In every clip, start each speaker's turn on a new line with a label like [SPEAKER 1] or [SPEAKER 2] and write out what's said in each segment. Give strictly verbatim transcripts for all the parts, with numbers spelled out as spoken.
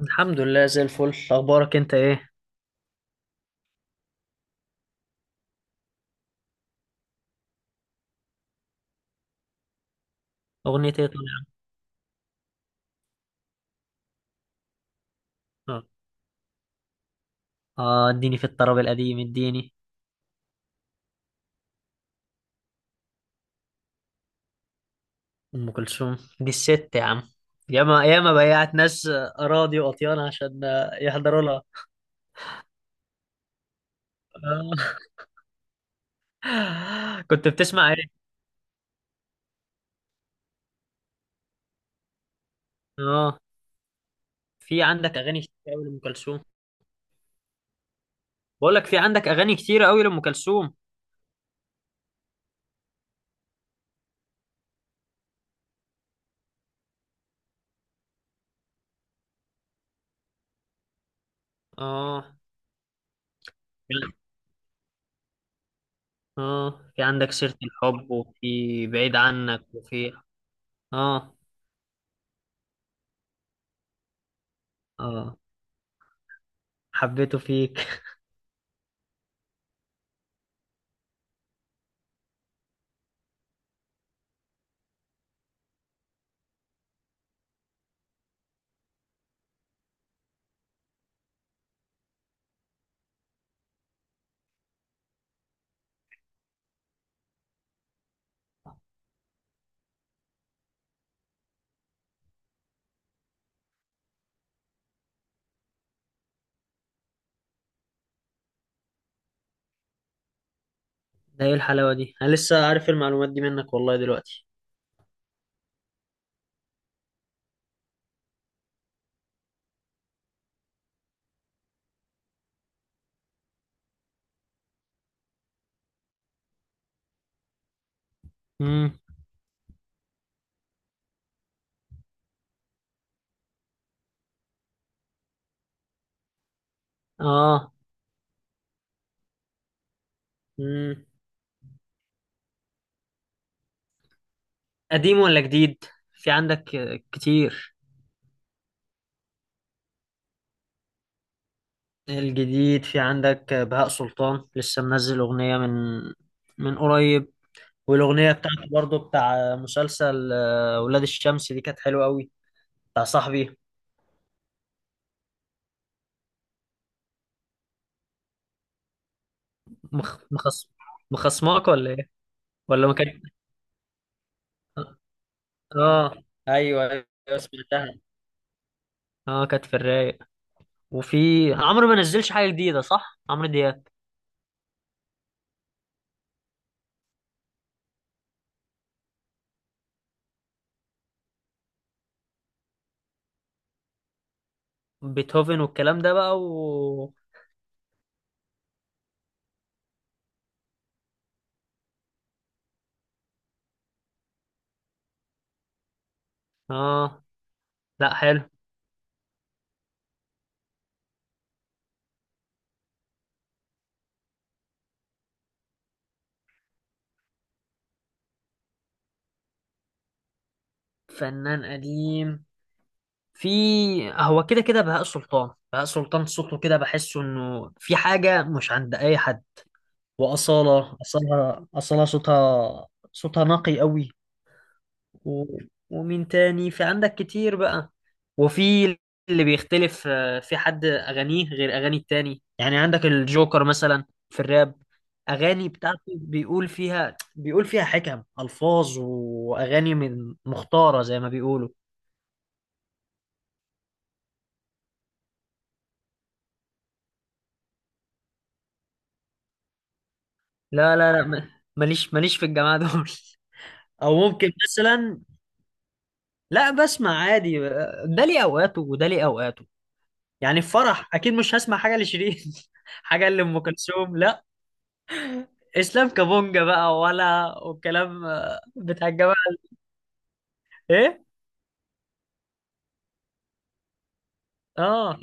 [SPEAKER 1] الحمد لله، زي الفل. اخبارك انت ايه؟ اغنيتي ايه طالعه؟ اه. آه، اديني في الطرب القديم اديني. ام كلثوم دي الست يا عم. ياما ياما بيعت ناس اراضي واطيان عشان آه، يحضروا لها. آه. كنت بتسمع ايه؟ اه. في عندك اغاني كتير قوي لام كلثوم. بقول لك في عندك اغاني كتير قوي لام كلثوم. اه، اه، في عندك سيرة الحب وفي بعيد عنك وفي... اه، اه، حبيته فيك. ده ايه الحلاوة دي! انا لسه عارف المعلومات دي منك والله دلوقتي. امم اه. مم. قديم ولا جديد؟ في عندك آه، كتير. الجديد، في عندك آه، بهاء سلطان لسه منزل أغنية من من قريب. والأغنية بتاعته برضو بتاع آه، مسلسل آه، ولاد الشمس دي كانت حلوة قوي. بتاع صاحبي. مخ... مخص... مخصماك ولا ايه؟ ولا ما كان. اه، ايوه، ايوه. سمعتها. اه، كانت في الرايق. وفي عمرو ما نزلش حاجة جديدة صح؟ عمرو دياب. بيتهوفن والكلام ده بقى و... اه. لا، حلو. فنان قديم. في هو كده كده بهاء سلطان، بهاء سلطان صوته كده بحسه انه في حاجة مش عند اي حد. وأصالة، أصالة، أصالة صوتها. صوتها نقي قوي. و... ومين تاني؟ في عندك كتير بقى. وفي... اللي بيختلف آه، في حد أغانيه غير أغاني التاني، يعني عندك الجوكر مثلا في الراب. أغاني بتاعته بيقول فيها بيقول فيها حكم، ألفاظ وأغاني من مختارة زي ما بيقولوا. لا، لا، لا، ما- ماليش ماليش في الجماعة دول. أو ممكن مثلا... لا، بسمع عادي. آه، ده ليه أوقاته وده ليه أوقاته. يعني في فرح أكيد مش هسمع حاجة لشيرين. حاجة لأم كلثوم، لا. اسلام كابونجا بقى ولا والكلام آه، بتاع الجماعه. ايه؟ اه.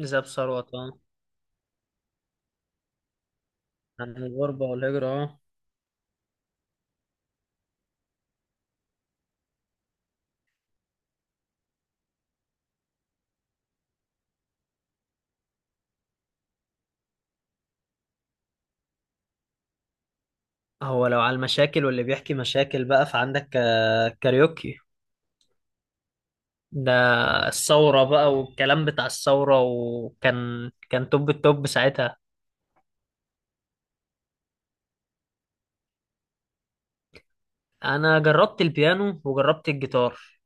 [SPEAKER 1] ذهب ثروت. اه. عن الغربه والهجره. اه. هو لو على المشاكل واللي بيحكي مشاكل بقى، فعندك آه، كاريوكي. ده. الثوره بقى والكلام بتاع الثوره، وكان كان توب التوب ساعتها. انا جربت البيانو وجربت الجيتار.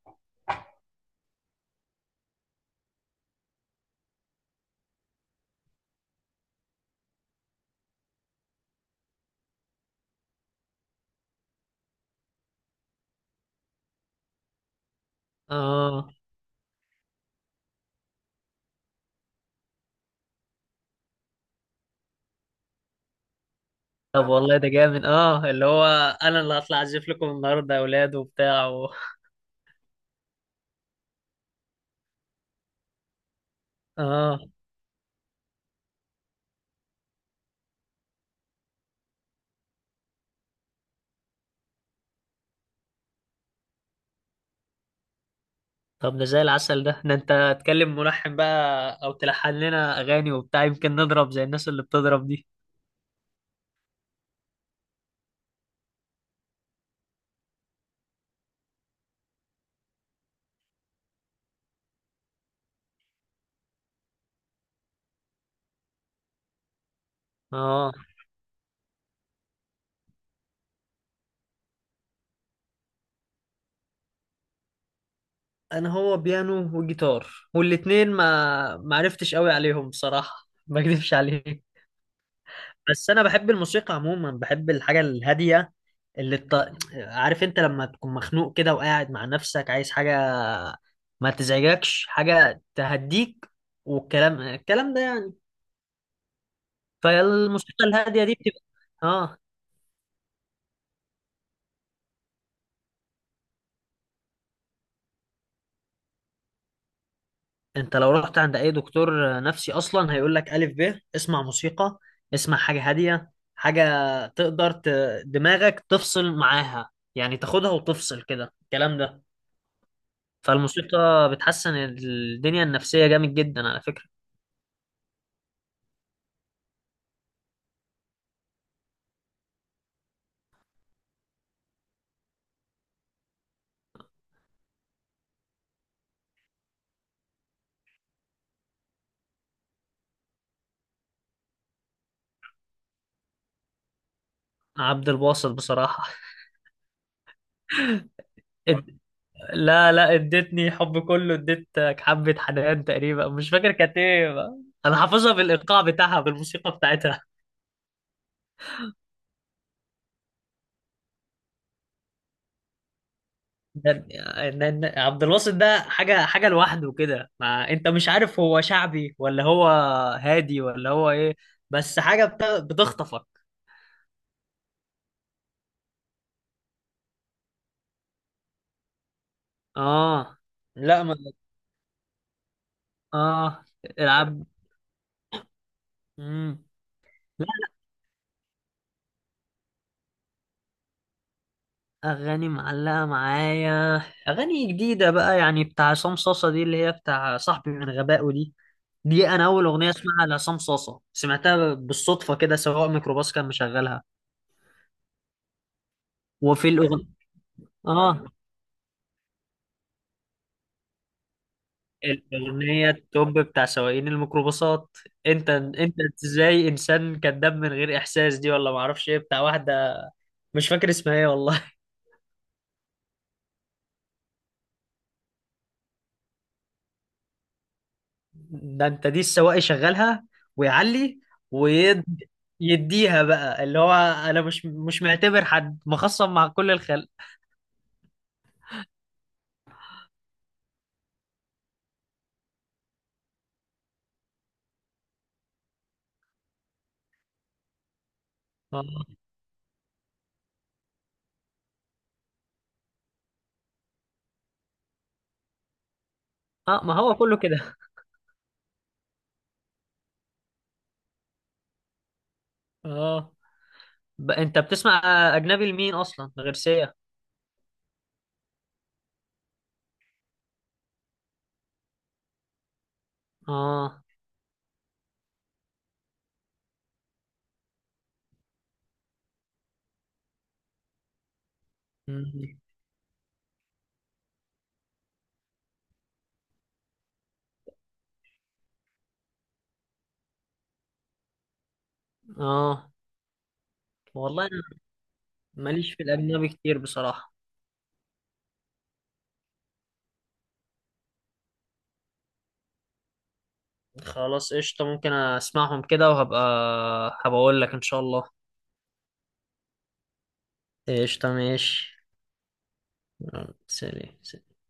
[SPEAKER 1] اه. طب والله ده جامد. اه، اللي هو... انا اللي هطلع اعزف لكم النهارده يا اولاد وبتاع و... اه. طب ده زي العسل. ده ده انت تكلم ملحن بقى او تلحن لنا اغاني وبتاع، يمكن نضرب زي الناس اللي بتضرب دي. اه، انا هو بيانو وجيتار. والاتنين ما ما عرفتش قوي عليهم، بصراحة ما اكذبش عليك. بس انا بحب الموسيقى عموما، بحب الحاجة الهادية. اللي الط... عارف انت لما تكون مخنوق كده وقاعد مع نفسك عايز حاجة ما تزعجكش، حاجة تهديك. والكلام الكلام ده يعني. فالموسيقى الهادية دي بتبقى... اه. انت لو رحت عند اي دكتور نفسي اصلا هيقول لك الف ب اسمع موسيقى. اسمع حاجه هاديه، حاجه... تقدر ت... دماغك تفصل معاها، يعني تاخدها وتفصل كده. الكلام ده... فالموسيقى بتحسن الدنيا النفسيه جامد جدا على فكره. عبد الباسط بصراحه. اد... لا، لا، اديتني حب كله اديتك حبه حنان، تقريبا مش فاكر كانت ايه بقى. انا حافظها بالايقاع بتاعها بالموسيقى بتاعتها. ده- ده- ده- عبد الباسط ده حاجة حاجة لوحده كده. ما انت مش عارف هو شعبي ولا هو هادي ولا هو ايه؟ بس حاجة بت- بتخطفك. اه. لا، ما... اه. العب. مم. لا. اغاني معلقة معايا. اغاني جديدة بقى، يعني بتاع عصام صاصة دي اللي هي بتاع صاحبي من غبائه دي. دي انا اول اغنية اسمعها لعصام صاصة، سمعتها بالصدفة كده. سواق ميكروباص كان مشغلها. وفي الاغنية... اه. الأغنية التوب بتاع سواقين الميكروباصات. أنت أنت إزاي إنسان كذاب من غير إحساس، دي ولا معرفش إيه بتاع واحدة. مش فاكر اسمها إيه والله. ده أنت، دي السواق يشغلها ويعلي ويديها بقى اللي هو... أنا مش مش معتبر حد مخصم مع كل الخلق. آه. آه، ما هو كله كده. آه. ب- أنت بتسمع أجنبي لمين أصلا غير سيا؟ آه. مم. آه، والله أنا ماليش في الأجنبي كتير بصراحة. خلاص، قشطة. ممكن اسمعهم كده وهبقى هبقول لك ان شاء الله. قشطة. ماشي. يلا، سلام سلام.